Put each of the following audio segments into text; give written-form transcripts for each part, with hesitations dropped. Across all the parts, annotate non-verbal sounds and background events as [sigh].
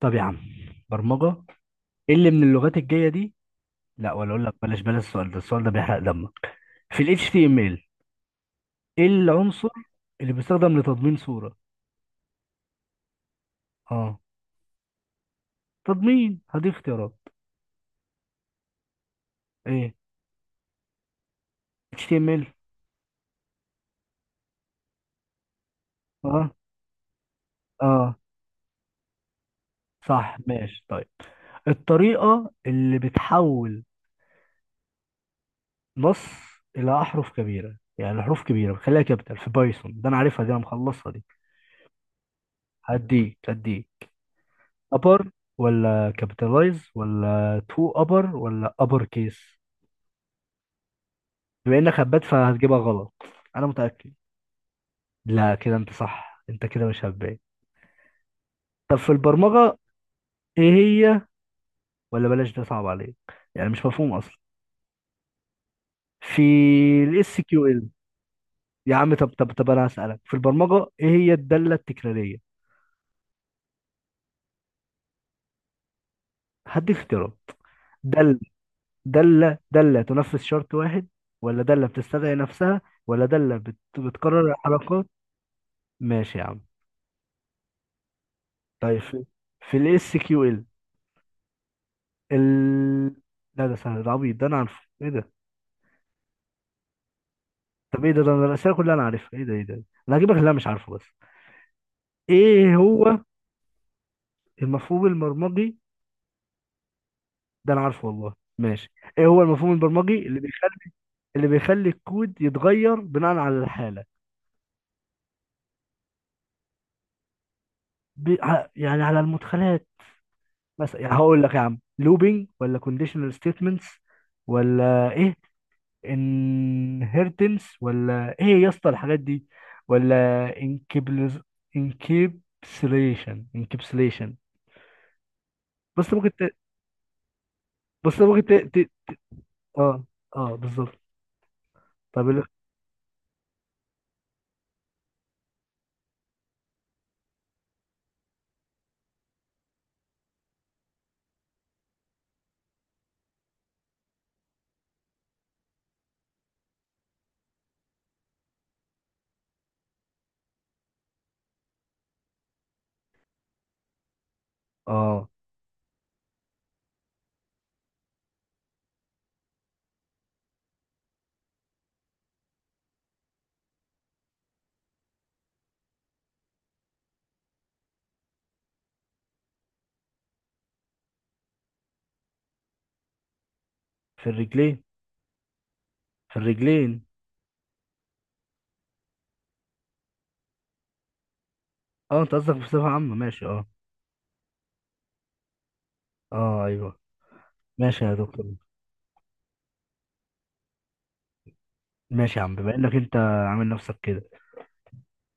طب يا عم، برمجة. ايه اللي من اللغات الجاية دي؟ لا، ولا اقول لك، بلاش السؤال ده، بيحرق دمك. في ال HTML ايه العنصر اللي بيستخدم لتضمين صورة؟ اه، تضمين. هديك اختيارات؟ ايه؟ HTML. اه اه صح، ماشي. طيب الطريقة اللي بتحول نص إلى أحرف كبيرة، يعني حروف كبيرة بتخليها كابيتال في بايثون، ده أنا عارفها دي، أنا مخلصها دي. هديك ابر ولا كابيتالايز ولا تو ابر ولا ابر كيس؟ بما انك هبات فهتجيبها غلط، انا متاكد. لا كده انت صح، انت كده مش هبات. طب في البرمجه، ايه هي؟ ولا بلاش، ده صعب عليك، يعني مش مفهوم اصلا. في الاس كيو ال. يا عم، طب طب طب انا هسالك في البرمجه، ايه هي الداله التكراريه؟ هديك اختيارات. دل، داله تنفذ شرط واحد، ولا داله بتستدعي نفسها، ولا داله بتكرر الحركات؟ ماشي يا عم. طيب في الاس كيو ال ال لا، ده سهل، ده عبيط، ده انا عارفه، ايه ده؟ طب ايه ده انا الاسئله كلها انا عارفها، ايه ده؟ ايه ده؟ إيه ده؟ انا هجيبك اللي انا مش عارفه بس. ايه هو المفهوم البرمجي؟ ده انا عارفه والله، ماشي. ايه هو المفهوم البرمجي اللي بيخلي الكود يتغير بناء على الحاله؟ يعني على المدخلات. مثلا يعني هقول لك يا عم، لوبينج ولا كونديشنال ستيتمنتس، ولا ايه، انهيرتنس، ولا ايه يا اسطى الحاجات دي؟ ولا انكبلز، انكبسليشن. بص ممكن ت... بص ممكن ت... ت... اه، اه بالظبط. طب اه. في الرجلين. في الرجلين. اه انت قصدك بصفة عامة، ماشي اه. اه ايوه. ماشي يا دكتور. ماشي يا عم، بما انك انت عامل نفسك كده،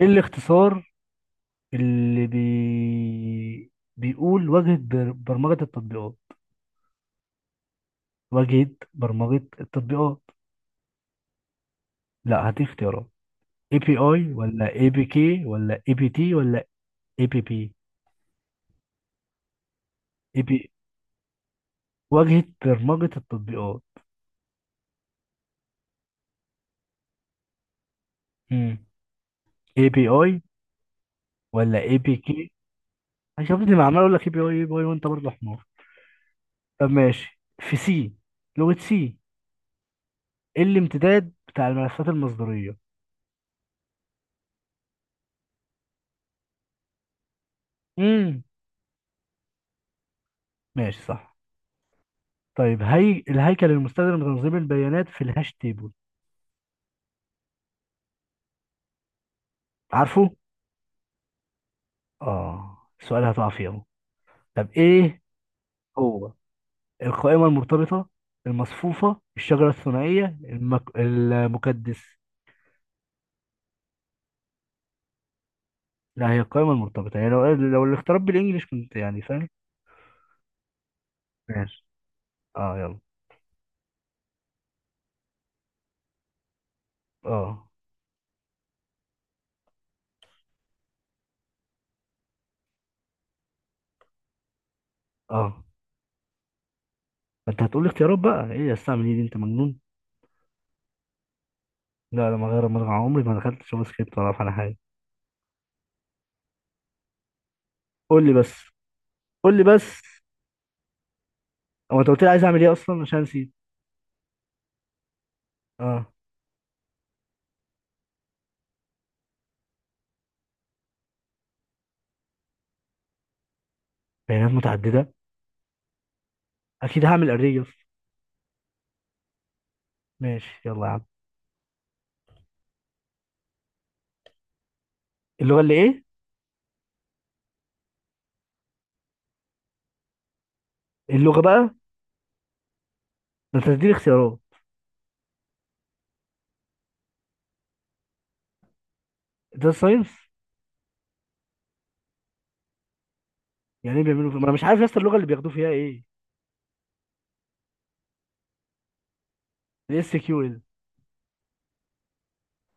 ايه الاختصار بيقول واجهة برمجة التطبيقات؟ واجهة برمجة التطبيقات. لا، هدي اختيارات. اي بي اي ولا اي بي كي ولا اي بي تي ولا اي بي بي؟ اي بي، واجهة برمجة التطبيقات. امم، اي بي اي ولا اي بي كي؟ يا ابني، ما عمال اقول لك اي بي اي اي بي اي وانت برضه حمار. طب ماشي، في سي، لغة سي، الامتداد بتاع الملفات المصدرية. امم، ماشي صح. طيب هي الهيكل المستخدم لتنظيم البيانات في الهاش تيبل؟ عارفه. اه السؤال هتقع فيه اهو. طب ايه هو؟ القائمة المرتبطة، المصفوفة، الشجرة الثنائية، المكدس؟ لا، هي القائمة المرتبطة، يعني لو الاختيارات بالإنجليش كنت يعني فاهم. ماشي. اه، يلا. اه، اه انت هتقول لي اختيارات بقى، ايه يا استعمل ايه دي؟ انت مجنون. لا، لا، ما غير، ما عمري ما دخلتش اشوف سكريبت ولا اعرف على حاجه. قول لي بس قول لي بس. هو انت قلت لي عايز اعمل ايه اصلا عشان نسيت؟ اه، بيانات متعدده. اكيد هعمل اري يا اسطى. ماشي يلا يا عم. اللغه اللي ايه؟ اللغه بقى. ده انت تديني اختيارات. ده ساينس. يعني ايه ما انا مش عارف يا اسطى اللغه اللي بياخدوه فيها ايه. الاس كيو ال.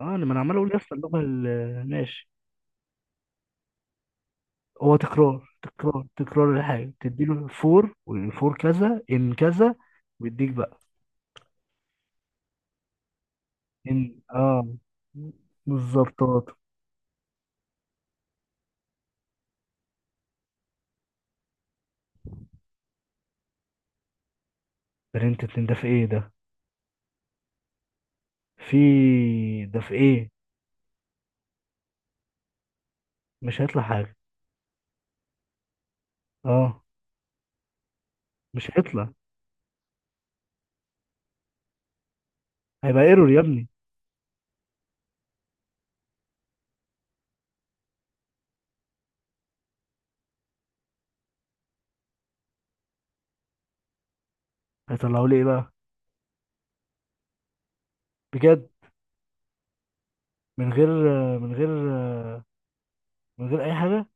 اه، انا ما انا عمال اقول يا اسطى اللغه ماشي. هو تكرار، تكرار تكرار الحاجه، تديله فور والفور كذا ان كذا. ويديك بقى ان، اه بالظبط اه. برنت اتنين ده، في ايه ده؟ في، ده في ايه؟ مش هيطلع حاجه. اه، مش هيطلع. هيبقى ايرور يا ابني. هيطلعوا لي ايه بقى؟ بجد. من غير، من غير من غير اي حاجه.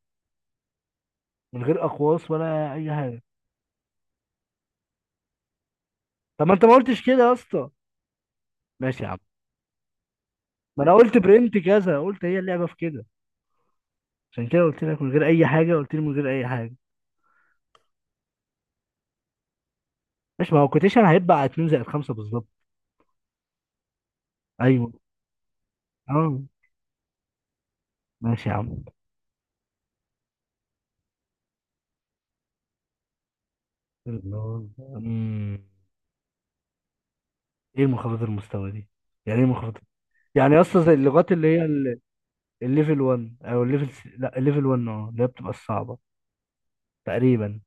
من غير اقواس ولا اي حاجه. طب ما انت ما قلتش كده يا اسطى. ماشي يا عم. ما انا قلت برنت كذا، قلت هي اللعبه في كده. عشان كده قلت لك من غير اي حاجه، قلت لي من غير اي حاجه. ماشي. ما هو كوتيشن هيبقى على 2 زائد 5 بالظبط. ايوه، اه. ماشي يا عم. اللغة- أمم. ايه المنخفض المستوى دي؟ يعني ايه منخفض؟ يعني اصلا زي اللغات اللي هي الليفل 1 او الليفل لا الليفل 1، اه اللي هي بتبقى الصعبه تقريبا.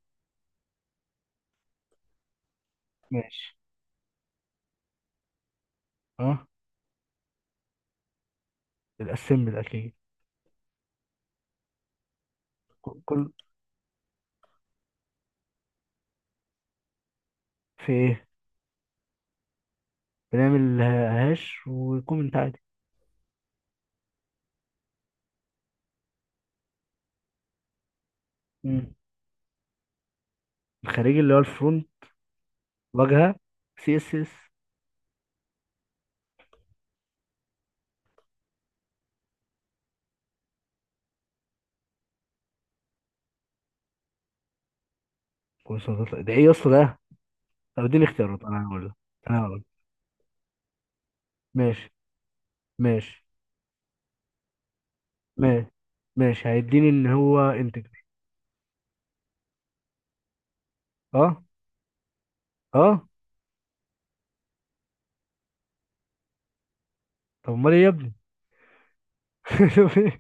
ماشي اه. الاسمبل اكيد. كل في ايه؟ بنعمل هاش وكومنت عادي. أمم. الخارجي اللي هو الفرونت، واجهه، سي اس اس. كورسات. ده ايه يا اسطى ده؟ طب اديني اختيارات انا هقول لك. انا هقول لك. ماشي. ماشي. ماشي. ماشي، هيديني ان هو انتجر. اه، اه. طب امال ايه يا ابني؟ [laughs] شوف إيه؟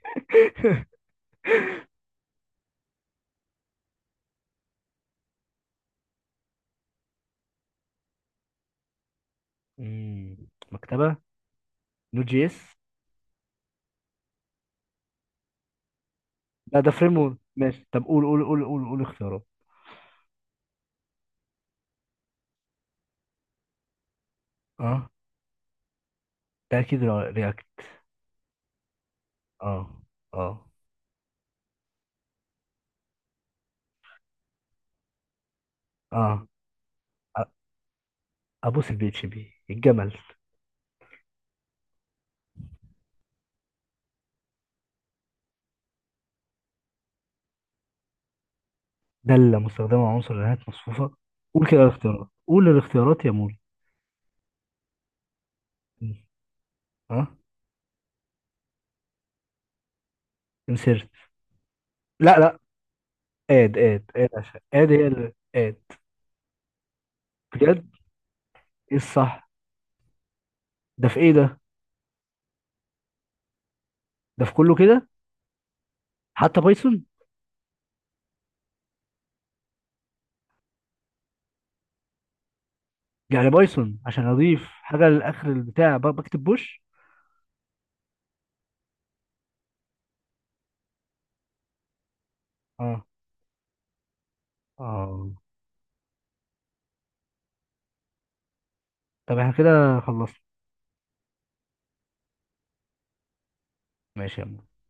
مم. مكتبه. نود جي اس. لا ده فريم ورك، ماشي. طب قول اختيارات. اه، ده اكيد رياكت. اه. اه. اه. أ- ابوس البي اتش بي الجمل. دالة مستخدمة على عنصر نهاية مصفوفة. قول كده الاختيارات، قول الاختيارات يا مول. اه، انسيرت. لا لا، اد عشان اد هي اللي اد. بجد؟ ايه الصح؟ ده في ايه ده؟ ده في كله كده. حتى بايثون. يعني بايثون عشان اضيف حاجه لاخر البتاع بكتب بوش. اه، اه. طب احنا كده خلصنا؟ ماشي يا عم.